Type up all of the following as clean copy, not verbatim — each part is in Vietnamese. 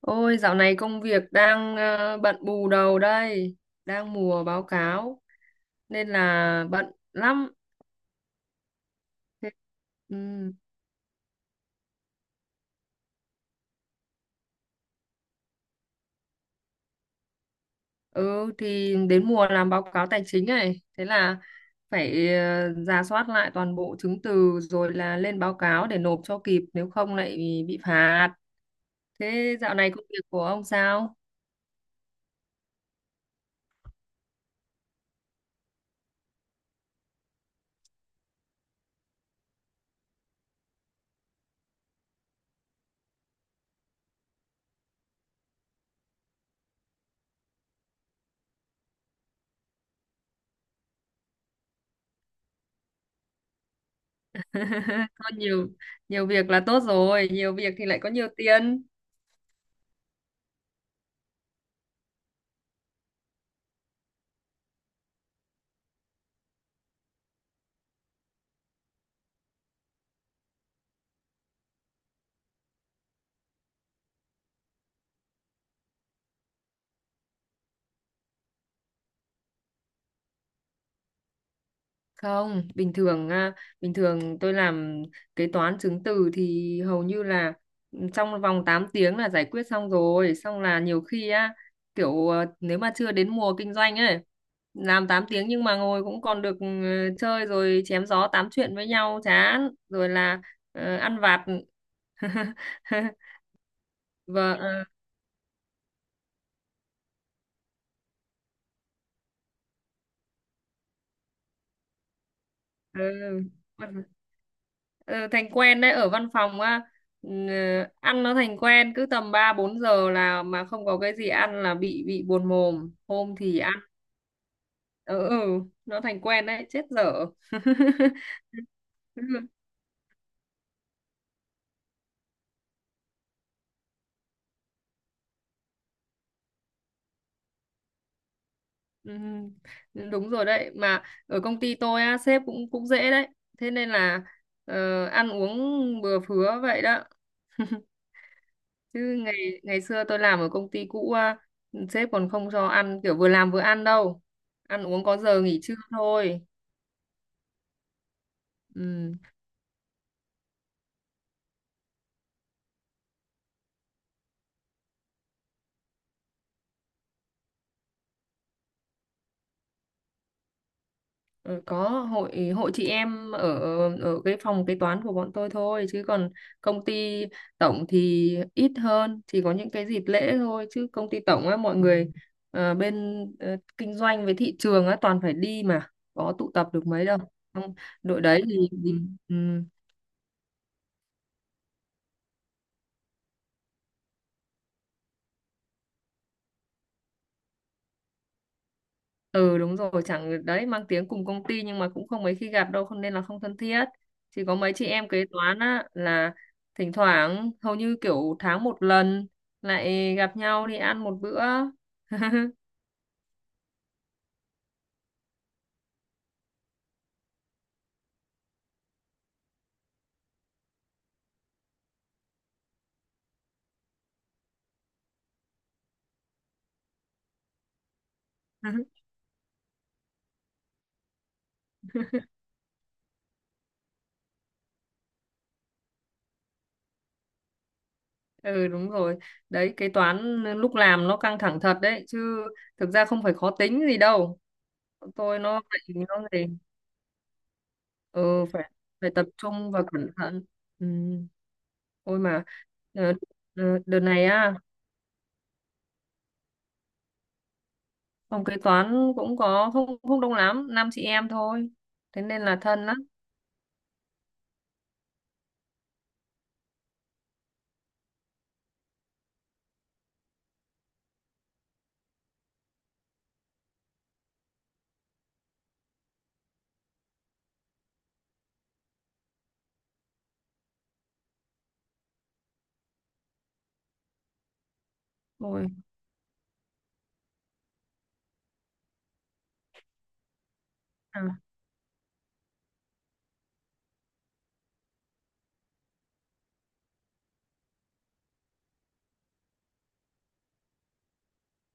Ôi, dạo này công việc đang bận bù đầu đây, đang mùa báo cáo nên là bận lắm. Thế- Ừ, ừ thì đến mùa làm báo cáo tài chính này, thế là phải rà soát lại toàn bộ chứng từ rồi là lên báo cáo để nộp cho kịp, nếu không lại bị phạt. Thế dạo này công việc của ông sao? Có nhiều nhiều việc là tốt rồi, nhiều việc thì lại có nhiều tiền. Không, bình thường à, bình thường tôi làm kế toán chứng từ thì hầu như là ừ, trong vòng 8 tiếng là giải quyết xong rồi, xong là nhiều khi á kiểu nếu mà chưa đến mùa kinh doanh ấy, làm 8 tiếng nhưng mà ngồi cũng còn được ừ, chơi rồi chém gió tám chuyện với nhau chán, rồi là ăn vặt. Vâng, à, ừ. Còn- ừ, thành quen đấy ở văn phòng á, ừ, ăn nó thành quen, cứ tầm 3-4 giờ là mà không có cái gì ăn là bị buồn mồm hôm thì ăn. Ừ, ừ, nó thành quen đấy, chết dở. Ừ, ừ, đúng rồi đấy, mà ở công ty tôi á sếp cũng cũng dễ đấy, thế nên là ăn uống bừa phứa vậy đó. Chứ ngày ngày xưa tôi làm ở công ty cũ á, sếp còn không cho ăn kiểu vừa làm vừa ăn đâu, ăn uống có giờ nghỉ trưa thôi. Ừ. Ờ, có hội hội chị em ở ở cái phòng kế toán của bọn tôi thôi, chứ còn công ty tổng thì ít hơn, chỉ có những cái dịp lễ thôi, chứ công ty tổng á mọi người bên kinh doanh với thị trường á toàn phải đi mà, có tụ tập được mấy đâu. Không, đội đấy thì ừ. Ừ, đúng rồi chẳng đấy, mang tiếng cùng công ty nhưng mà cũng không mấy khi gặp đâu, không nên là không thân thiết, chỉ có mấy chị em kế toán á là thỉnh thoảng, hầu như kiểu tháng một lần lại gặp nhau đi ăn một bữa. Ừ, đúng rồi đấy, kế toán lúc làm nó căng thẳng thật đấy chứ, thực ra không phải khó tính gì đâu. Bọn tôi nó phải nó gì. Ừ, phải phải tập trung và cẩn thận. Ừ. Ôi mà ờ, đợt này á phòng kế toán cũng có không không đông lắm, năm chị em thôi, thế nên là thân lắm rồi.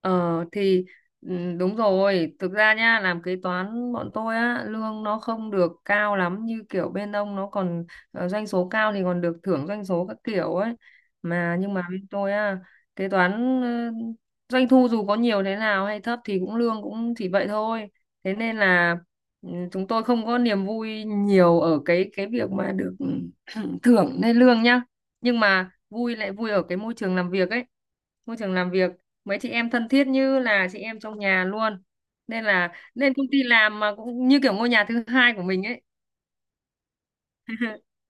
Ờ thì ừ, đúng rồi, thực ra nha, làm kế toán bọn tôi á, lương nó không được cao lắm, như kiểu bên ông nó còn doanh số cao thì còn được thưởng doanh số các kiểu ấy. Mà nhưng mà bên tôi á, kế toán ờ, doanh thu dù có nhiều thế nào hay thấp thì cũng lương cũng chỉ vậy thôi. Thế nên là ừ, chúng tôi không có niềm vui nhiều ở cái việc mà được thưởng hay lương nhá. Nhưng mà vui lại vui ở cái môi trường làm việc ấy, môi trường làm việc mấy chị em thân thiết như là chị em trong nhà luôn, nên là lên công ty làm mà cũng như kiểu ngôi nhà thứ hai của mình ấy.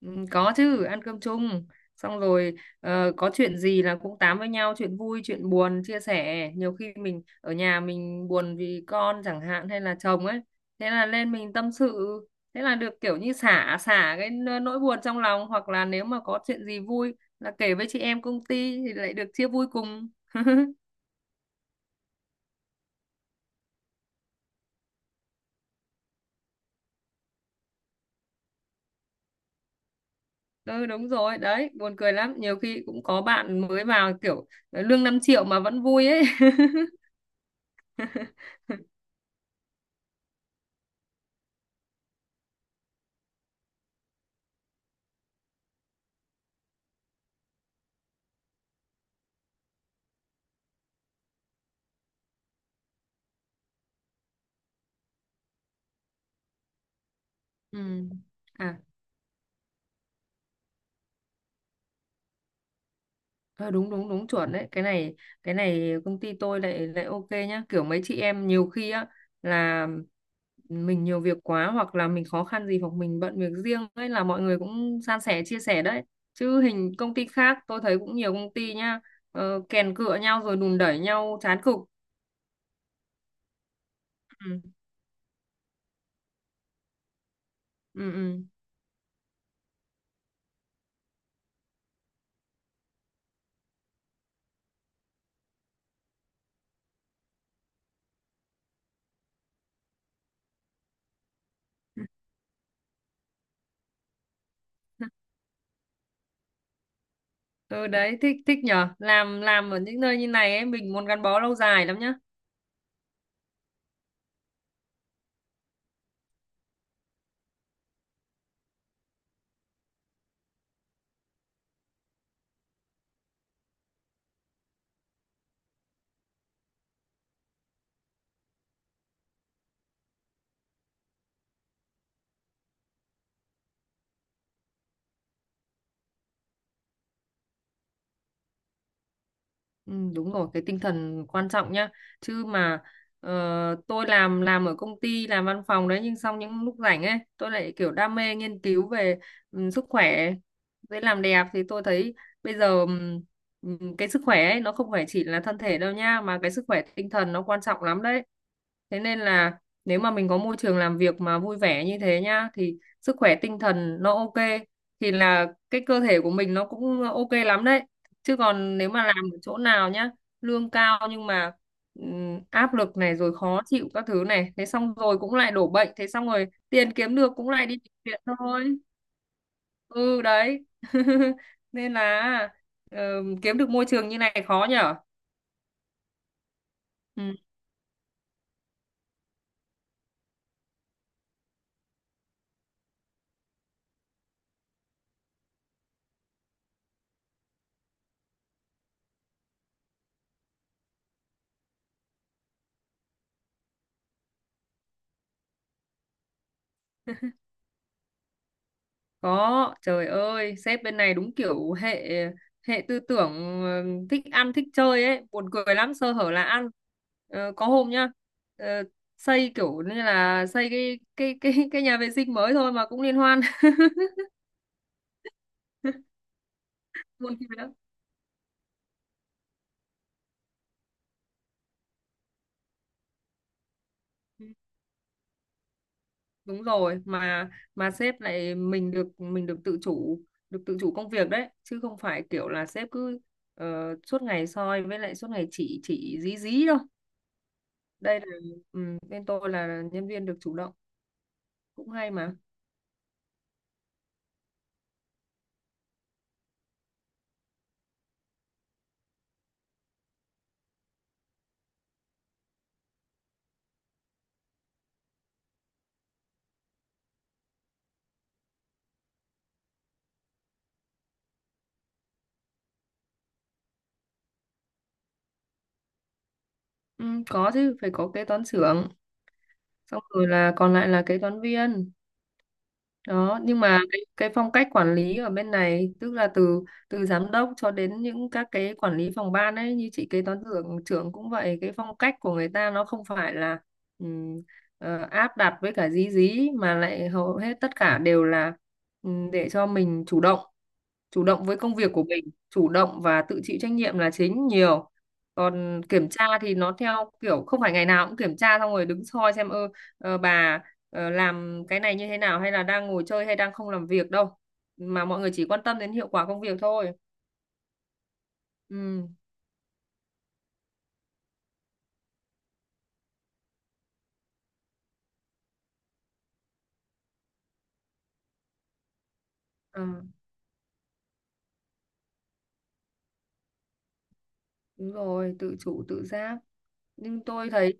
Ừ, có chứ, ăn cơm chung xong rồi có chuyện gì là cũng tám với nhau, chuyện vui chuyện buồn chia sẻ. Nhiều khi mình ở nhà mình buồn vì con chẳng hạn hay là chồng ấy, thế là lên mình tâm sự, thế là được kiểu như xả xả cái nỗi buồn trong lòng, hoặc là nếu mà có chuyện gì vui là kể với chị em công ty thì lại được chia vui cùng. Ừ đúng rồi, đấy, buồn cười lắm. Nhiều khi cũng có bạn mới vào kiểu lương 5 triệu mà vẫn vui ấy. Ừ. À, ờ, đúng đúng đúng chuẩn đấy. Cái này công ty tôi lại lại ok nhá. Kiểu mấy chị em nhiều khi á là mình nhiều việc quá hoặc là mình khó khăn gì hoặc mình bận việc riêng ấy là mọi người cũng san sẻ chia sẻ đấy. Chứ hình công ty khác tôi thấy cũng nhiều công ty nhá, kèn cựa nhau rồi đùn đẩy nhau chán cực. Ừ. Ừ. Ừ. Ừ đấy, thích thích nhở, làm ở những nơi như này ấy mình muốn gắn bó lâu dài lắm nhá. Ừ, đúng rồi, cái tinh thần quan trọng nhá, chứ mà ờ, tôi làm ở công ty làm văn phòng đấy, nhưng xong những lúc rảnh ấy tôi lại kiểu đam mê nghiên cứu về ừ, sức khỏe với làm đẹp, thì tôi thấy bây giờ cái sức khỏe ấy nó không phải chỉ là thân thể đâu nha, mà cái sức khỏe tinh thần nó quan trọng lắm đấy. Thế nên là nếu mà mình có môi trường làm việc mà vui vẻ như thế nhá thì sức khỏe tinh thần nó ok, thì là cái cơ thể của mình nó cũng ok lắm đấy. Chứ còn nếu mà làm ở chỗ nào nhá lương cao nhưng mà áp lực này rồi khó chịu các thứ này, thế xong rồi cũng lại đổ bệnh, thế xong rồi tiền kiếm được cũng lại đi bệnh viện thôi. Ừ đấy. Nên là ờ, kiếm được môi trường như này khó nhở. Ừ. Có, trời ơi, sếp bên này đúng kiểu hệ hệ tư tưởng thích ăn thích chơi ấy, buồn cười lắm, sơ hở là ăn. Ờ, có hôm nhá, ờ, xây kiểu như là xây cái cái nhà vệ sinh mới thôi mà cũng liên hoan. Buồn cười lắm. Ừ, đúng rồi, mà sếp lại mình được tự chủ, được tự chủ công việc đấy, chứ không phải kiểu là sếp cứ suốt ngày soi với lại suốt ngày chỉ dí dí đâu. Đây là ừ, bên tôi là nhân viên được chủ động, cũng hay mà. Ừ, có chứ phải có kế toán trưởng, xong rồi là còn lại là kế toán viên đó. Nhưng mà cái phong cách quản lý ở bên này tức là từ từ giám đốc cho đến những các cái quản lý phòng ban ấy như chị kế toán trưởng trưởng cũng vậy, cái phong cách của người ta nó không phải là ừm, áp đặt với cả dí dí, mà lại hầu hết tất cả đều là để cho mình chủ động với công việc của mình, chủ động và tự chịu trách nhiệm là chính nhiều. Còn kiểm tra thì nó theo kiểu không phải ngày nào cũng kiểm tra xong rồi đứng soi xem ơ bà làm cái này như thế nào, hay là đang ngồi chơi hay đang không làm việc đâu, mà mọi người chỉ quan tâm đến hiệu quả công việc thôi. Ừ. À, đúng rồi tự chủ tự giác, nhưng tôi thấy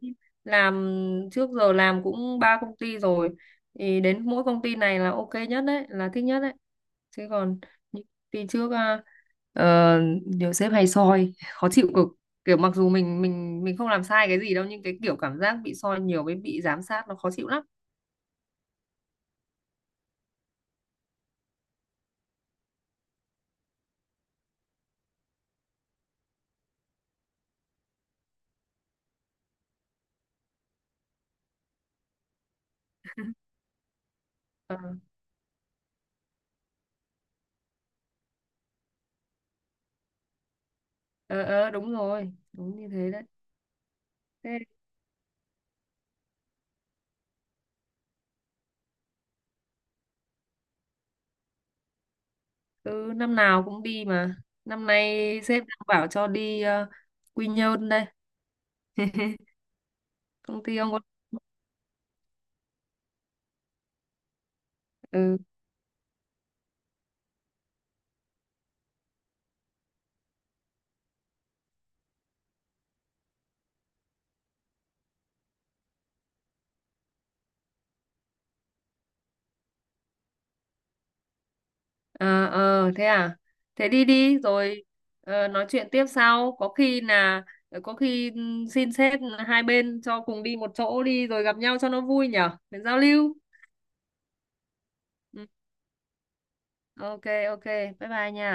làm trước giờ làm cũng ba công ty rồi, thì đến mỗi công ty này là ok nhất đấy, là thích nhất đấy. Chứ còn những công ty trước à, ờ, nhiều sếp hay soi khó chịu cực, kiểu mặc dù mình không làm sai cái gì đâu nhưng cái kiểu cảm giác bị soi nhiều với bị giám sát nó khó chịu lắm. Ờ. Ờ ờ đúng rồi, đúng như thế đấy. Thế cứ năm nào cũng đi mà, năm nay sếp đang bảo cho đi Quy Nhơn đây. Công ty ông có ừ. À, ờ thế à, thế đi đi rồi nói chuyện tiếp sau, có khi là có khi xin sếp hai bên cho cùng đi một chỗ đi rồi gặp nhau cho nó vui nhở, để giao lưu. Ừ. Ok, ok, bye bye nha.